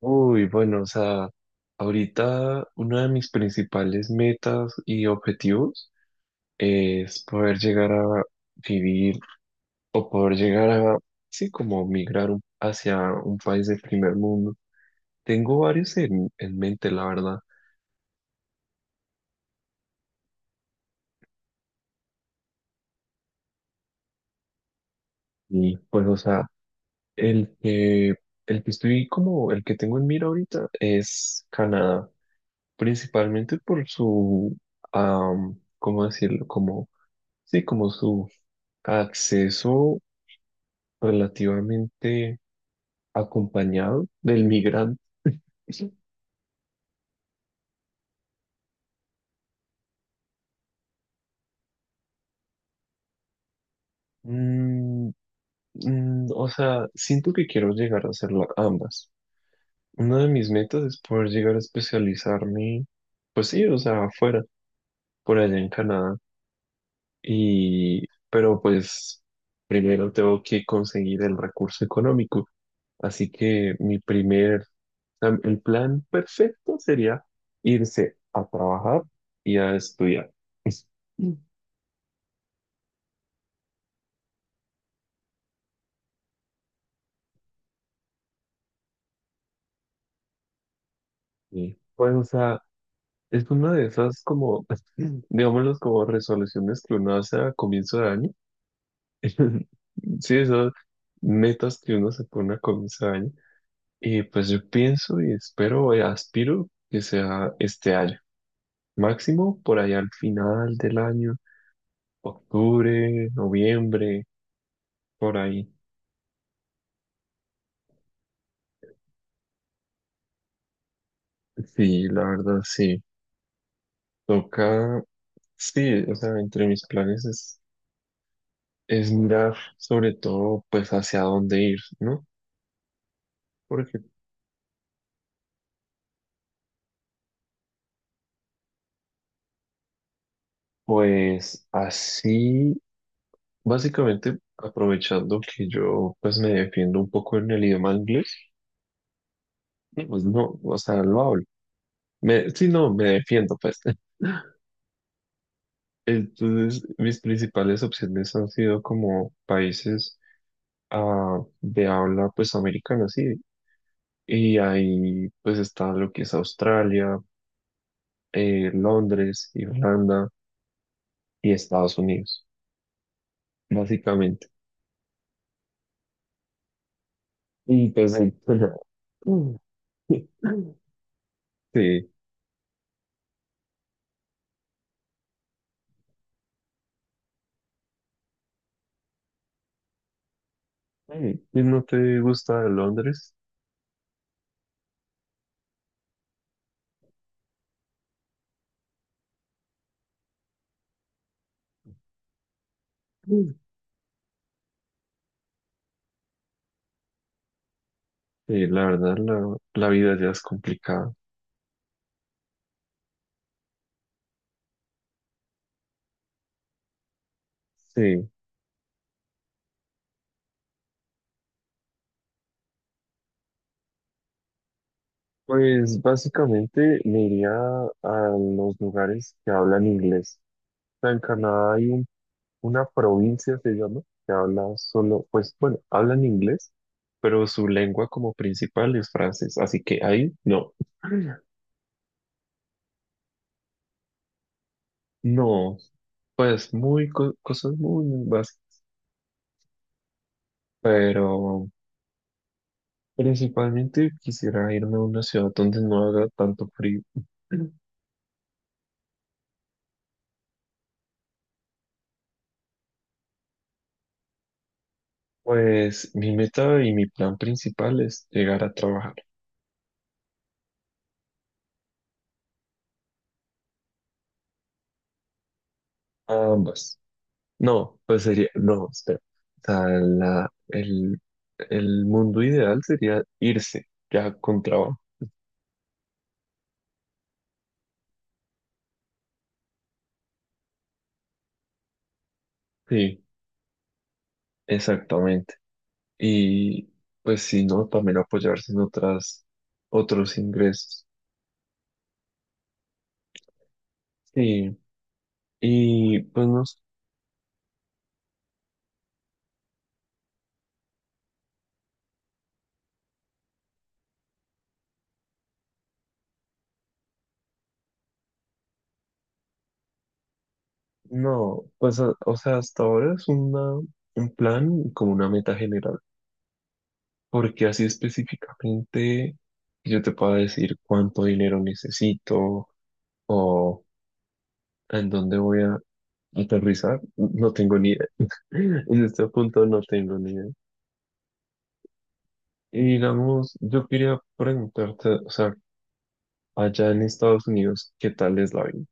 Uy, bueno, o sea, ahorita una de mis principales metas y objetivos es poder llegar a vivir o poder llegar a, sí, como migrar un- hacia un país de primer mundo. Tengo varios en mente, la verdad. Y pues, o sea, el que, el que estoy como, el que tengo en mira ahorita es Canadá, principalmente por su, ¿cómo decirlo? Como, sí, como su acceso relativamente acompañado del migrante. Mm, o sea, siento que quiero llegar a hacer la- ambas. Una de mis metas es poder llegar a especializarme, pues sí, o sea, afuera, por allá en Canadá. Y, pero pues primero tengo que conseguir el recurso económico. Así que mi primer, el plan perfecto sería irse a trabajar y a estudiar. Sí. Pues, o sea, es una de esas como, digámoslo, como resoluciones que uno hace a comienzo de año. Sí, esas metas que uno se pone a comienzo de año. Y pues yo pienso y espero y aspiro que sea este año. Máximo por ahí al final del año, octubre, noviembre, por ahí. Sí, la verdad, sí. Toca, sí, o sea, entre mis planes es mirar sobre todo pues hacia dónde ir, ¿no? Porque pues así, básicamente aprovechando que yo pues me defiendo un poco en el idioma inglés, y, pues no, o sea, lo hablo. Me, sí, no, me defiendo pues. Entonces, mis principales opciones han sido como países de habla pues americana, sí. Y ahí pues está lo que es Australia, Londres, Irlanda y Estados Unidos, básicamente. Y pues ahí- Sí, hey, ¿y no te gusta Londres? Mm. Sí, la verdad, la vida ya es complicada. Sí, pues básicamente me iría a los lugares que hablan inglés. O sea, en Canadá hay un- una provincia, se llama, que habla solo, pues bueno, hablan inglés, pero su lengua como principal es francés. Así que ahí no, no, pues muy co- cosas muy básicas, pero principalmente quisiera irme a una ciudad donde no haga tanto frío. Pues mi meta y mi plan principal es llegar a trabajar. Ambas. No, pues sería, no, espera. O sea, la- el mundo ideal sería irse ya con trabajo. Sí, exactamente. Y pues si no, también apoyarse en otras, otros ingresos. Sí, y pues no, s- no, pues a- o sea, hasta ahora es una, un plan como una meta general. Porque así específicamente yo te puedo decir cuánto dinero necesito o en dónde voy a aterrizar, no tengo ni idea. En este punto no tengo ni idea. Y digamos, yo quería preguntarte, o sea, allá en Estados Unidos, ¿qué tal es la vida?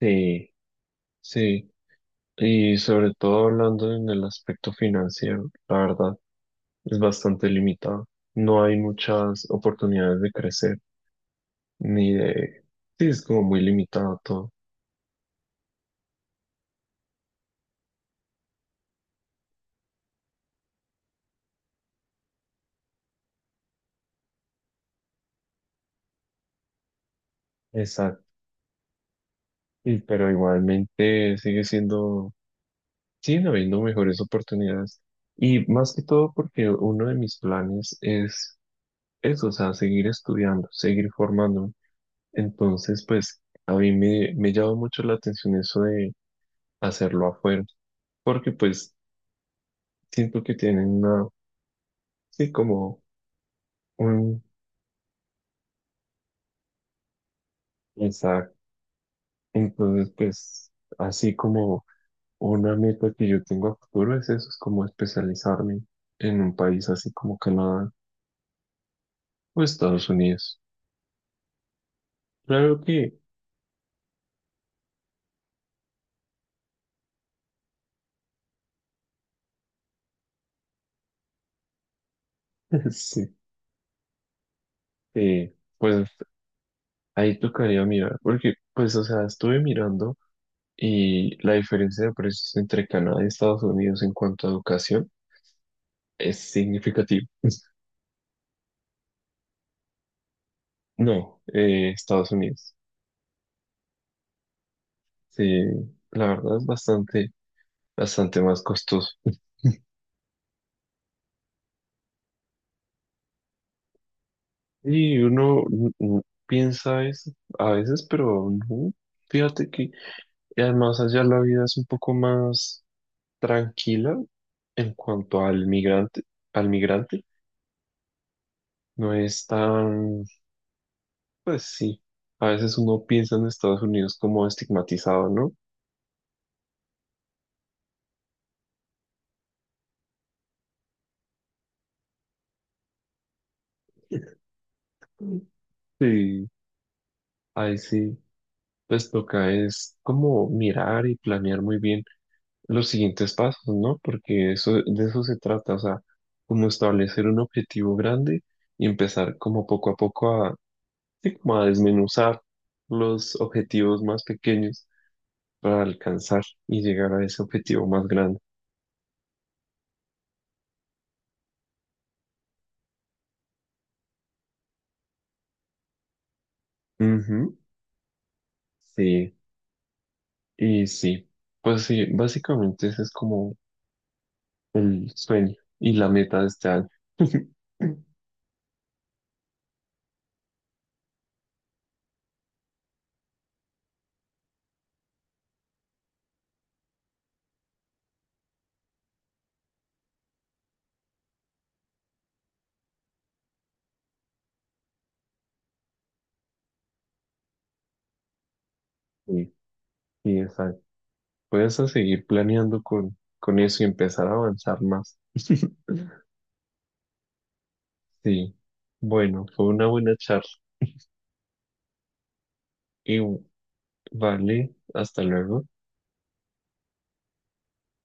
Sí, sí. Y sobre todo hablando en el aspecto financiero, la verdad, es bastante limitado. No hay muchas oportunidades de crecer. Ni de... Sí, es como muy limitado todo. Exacto. Y, pero igualmente sigue siendo, siguen habiendo mejores oportunidades. Y más que todo porque uno de mis planes es eso, o sea, seguir estudiando, seguir formándome. Entonces, pues a me llama mucho la atención eso de hacerlo afuera, porque pues siento que tienen una, sí, como un... Exacto. Entonces, pues así como... Una meta que yo tengo a futuro es eso, es como especializarme en un país así como Canadá o Estados Unidos. Claro que sí, eh, pues ahí tocaría mirar, porque pues o sea, estuve mirando y la diferencia de precios entre Canadá y Estados Unidos en cuanto a educación es significativa. No, Estados Unidos. Sí, la verdad es bastante, bastante más costoso. Y uno piensa eso a veces, pero no. Fíjate que y además allá la vida es un poco más tranquila en cuanto al migrante, al migrante. No es tan, pues sí, a veces uno piensa en Estados Unidos como estigmatizado, ¿no? Mm. Sí, ahí sí, pues toca es como mirar y planear muy bien los siguientes pasos, ¿no? Porque eso, de eso se trata, o sea, como establecer un objetivo grande y empezar como poco a poco a, sí, como a desmenuzar los objetivos más pequeños para alcanzar y llegar a ese objetivo más grande. Ujú, sí, y sí, pues sí, básicamente ese es como el sueño y la meta de este año. Sí, sí, exacto. Puedes a seguir planeando con eso y empezar a avanzar más. Sí, bueno, fue una buena charla. Y vale, hasta luego.